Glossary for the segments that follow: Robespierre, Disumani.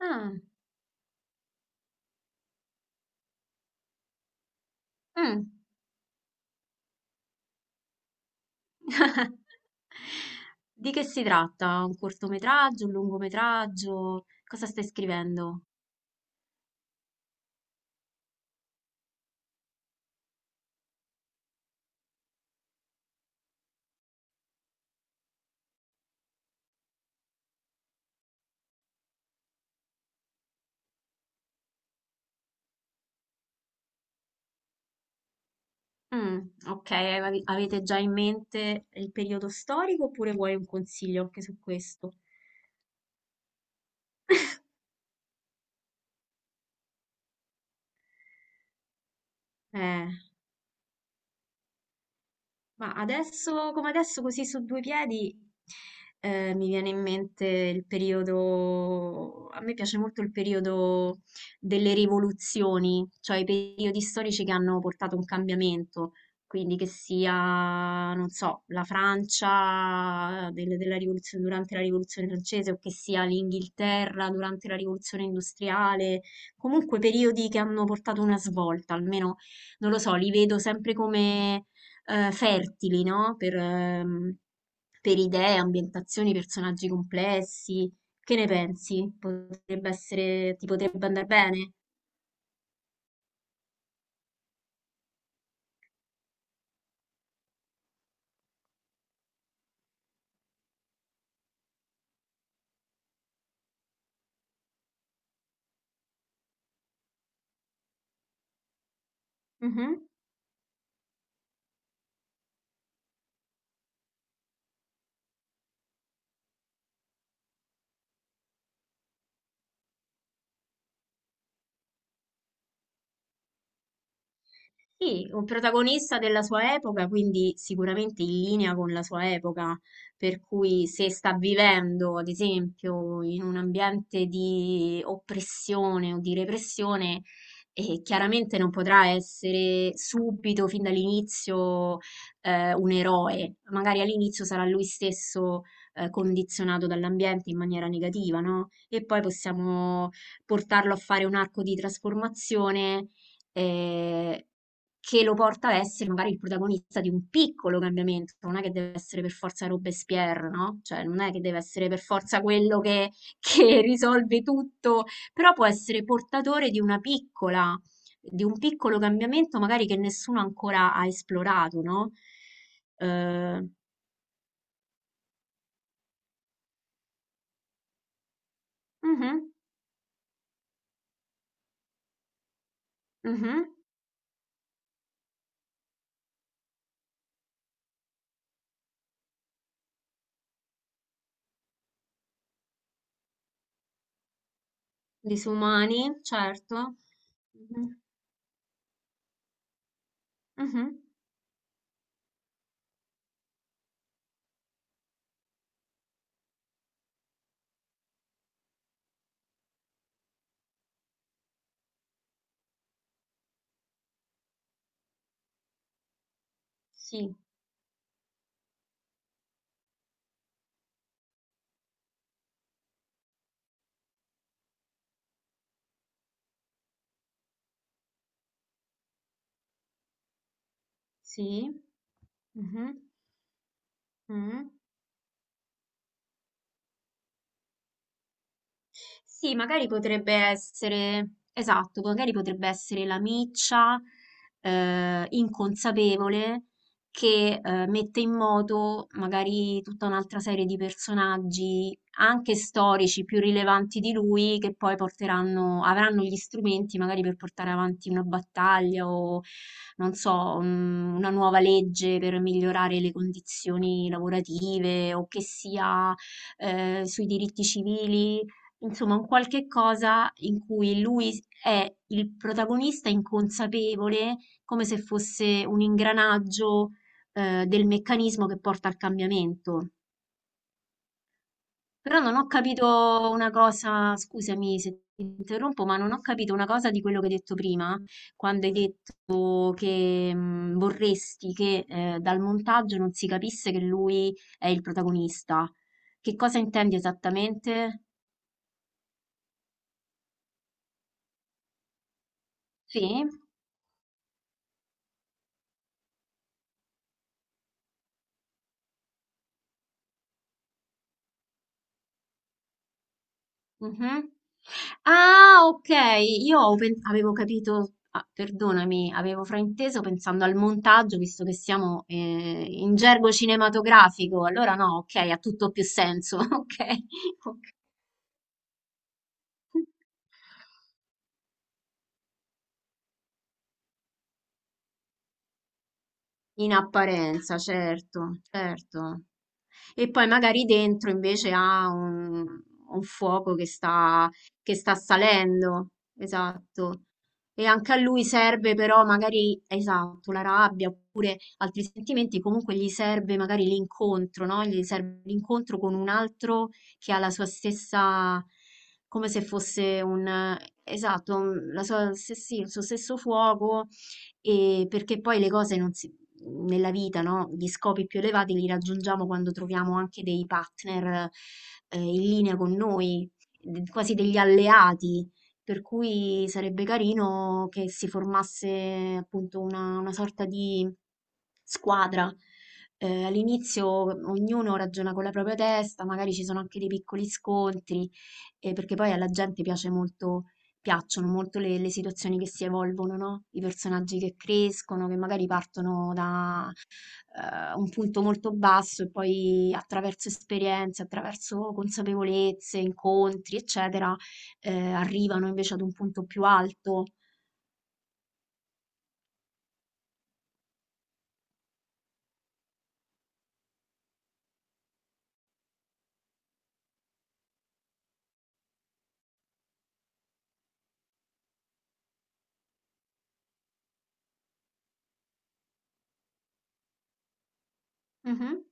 Ah, mh. Di che si tratta? Un cortometraggio, un lungometraggio? Cosa stai scrivendo? Mm, ok, avete già in mente il periodo storico oppure vuoi un consiglio anche su questo? Eh. Ma adesso, come adesso, così su due piedi, mi viene in mente il periodo, a me piace molto il periodo delle rivoluzioni, cioè i periodi storici che hanno portato un cambiamento, quindi che sia, non so, la della durante la rivoluzione francese o che sia l'Inghilterra durante la rivoluzione industriale, comunque periodi che hanno portato una svolta, almeno non lo so, li vedo sempre fertili, no? Per idee, ambientazioni, personaggi complessi. Che ne pensi? Potrebbe essere, ti potrebbe andare bene? Mhm. Sì, un protagonista della sua epoca, quindi sicuramente in linea con la sua epoca, per cui se sta vivendo, ad esempio, in un ambiente di oppressione o di repressione, chiaramente non potrà essere subito, fin dall'inizio, un eroe. Magari all'inizio sarà lui stesso, condizionato dall'ambiente in maniera negativa, no? E poi possiamo portarlo a fare un arco di trasformazione eh, che lo porta a essere magari il protagonista di un piccolo cambiamento, non è che deve essere per forza Robespierre, no? Cioè non è che deve essere per forza quello che, che risolve tutto, però può essere portatore di una piccola, di un piccolo cambiamento magari che nessuno ancora ha esplorato, no? Eh, mhm, mhm, Disumani, certo. Mhm, mhm, Sì, sì. mhm, mhm. Sì, magari potrebbe essere, esatto, magari potrebbe essere la miccia inconsapevole che mette in moto magari tutta un'altra serie di personaggi, anche storici, più rilevanti di lui, che poi porteranno, avranno gli strumenti magari per portare avanti una battaglia o, non so, una nuova legge per migliorare le condizioni lavorative o che sia sui diritti civili. Insomma, un qualche cosa in cui lui è il protagonista inconsapevole, come se fosse un ingranaggio, del meccanismo che porta al cambiamento. Però non ho capito una cosa, scusami se ti interrompo, ma non ho capito una cosa di quello che hai detto prima, quando hai detto che vorresti che dal montaggio non si capisse che lui è il protagonista. Che cosa intendi esattamente? Sì? Mh-mh. Ah, okay. Io ho pen avevo capito, ah, perdonami, avevo frainteso pensando al montaggio, visto che siamo, in gergo cinematografico. Allora no, okay, ha tutto più senso. Okay, oka in apparenza, certo, certo. E poi magari dentro invece ha un fuoco che sta salendo. Esatto. E anche a lui serve però magari, esatto, la rabbia oppure altri sentimenti, comunque gli serve magari l'incontro, no? Gli serve l'incontro con un altro che ha la sua stessa, come se fosse un, esatto, la sua, se sì, il suo stesso fuoco, e perché poi le cose non si nella vita, no, gli scopi più elevati li raggiungiamo quando troviamo anche dei partner, in linea con noi, quasi degli alleati. Per cui sarebbe carino che si formasse appunto una sorta di squadra. All'inizio ognuno ragiona con la propria testa, magari ci sono anche dei piccoli scontri, perché poi alla gente piace molto, piacciono molto le situazioni che si evolvono, no? I personaggi che crescono, che magari partono da un punto molto basso e poi attraverso esperienze, attraverso consapevolezze, incontri, eccetera, arrivano invece ad un punto più alto. Mhm.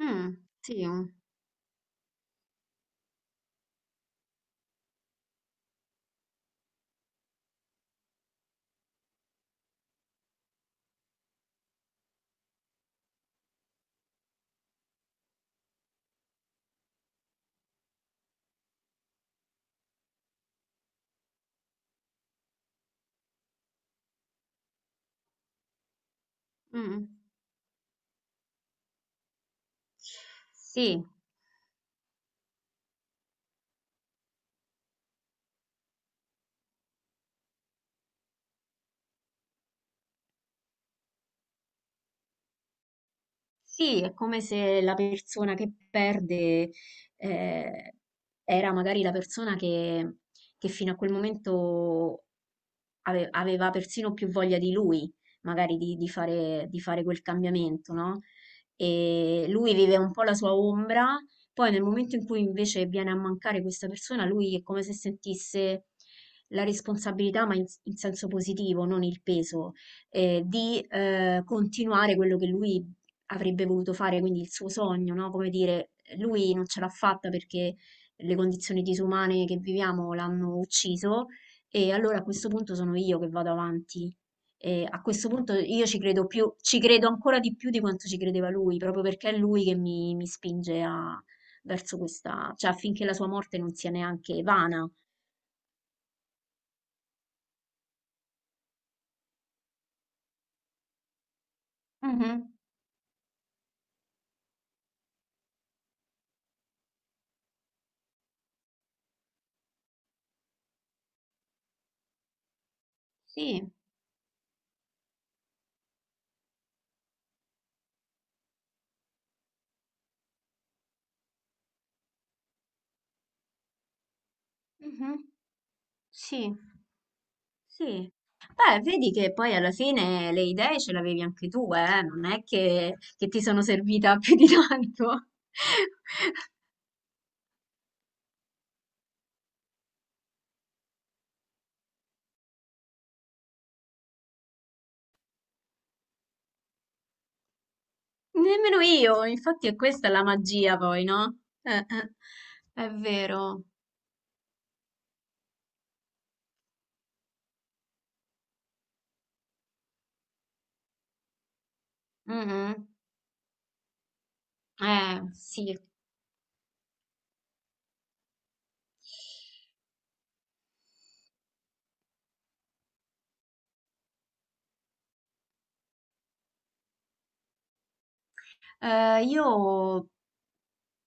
Mm, sì. Mm. Sì, sì, è come se la persona che perde eh, era magari la persona che fino a quel momento aveva persino più voglia di lui, magari di fare quel cambiamento, no? E lui vive un po' la sua ombra, poi nel momento in cui invece viene a mancare questa persona, lui è come se sentisse la responsabilità, ma in in senso positivo, non il peso di continuare quello che lui avrebbe voluto fare, quindi il suo sogno, no, come dire, lui non ce l'ha fatta perché le condizioni disumane che viviamo l'hanno ucciso e allora a questo punto sono io che vado avanti. E a questo punto io ci credo più, ci credo ancora di più di quanto ci credeva lui, proprio perché è lui che mi spinge a, verso questa, cioè affinché la sua morte non sia neanche vana. Mhm, Sì, mhm, sì. Sì. Beh, vedi che poi alla fine le idee ce l'avevi anche tu, eh? Non è che ti sono servita più di tanto. Nemmeno io, infatti è questa la magia poi, no? Eh. È vero. Mm, mm. Sì. Io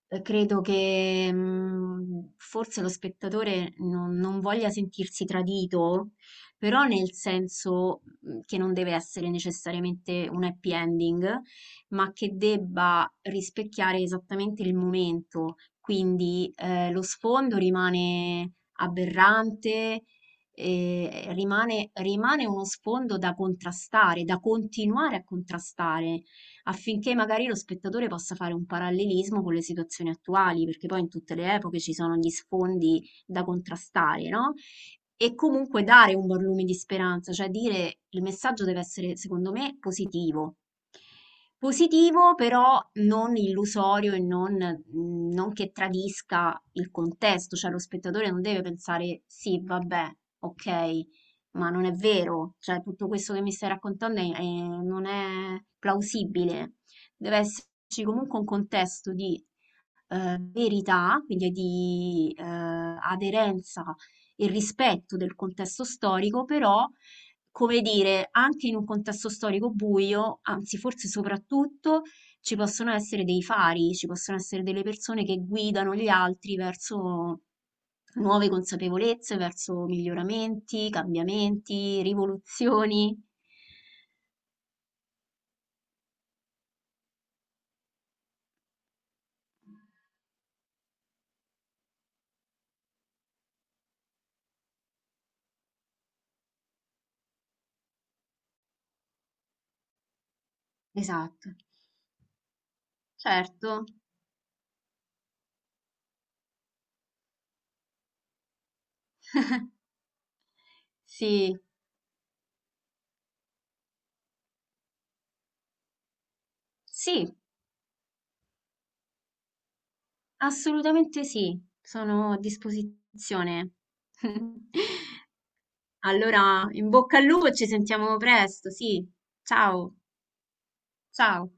credo che forse lo spettatore non, non voglia sentirsi tradito, però nel senso che non deve essere necessariamente un happy ending, ma che debba rispecchiare esattamente il momento. Quindi lo sfondo rimane aberrante, rimane, rimane uno sfondo da contrastare, da continuare a contrastare affinché magari lo spettatore possa fare un parallelismo con le situazioni attuali, perché poi in tutte le epoche ci sono gli sfondi da contrastare, no? E comunque dare un buon lume di speranza, cioè dire il messaggio deve essere, secondo me, positivo. Positivo, però non illusorio e non, non che tradisca il contesto, cioè lo spettatore non deve pensare sì, vabbè, ok, ma non è vero, cioè tutto questo che mi stai raccontando non è plausibile. Deve esserci comunque un contesto di verità, quindi di aderenza e rispetto del contesto storico, però, come dire, anche in un contesto storico buio, anzi forse soprattutto, ci possono essere dei fari, ci possono essere delle persone che guidano gli altri verso nuove consapevolezze, verso miglioramenti, cambiamenti, rivoluzioni. Esatto, certo. Sì, sì, assolutamente sì, sono a disposizione. Allora, in bocca al lupo e ci sentiamo presto, sì. Ciao, ciao.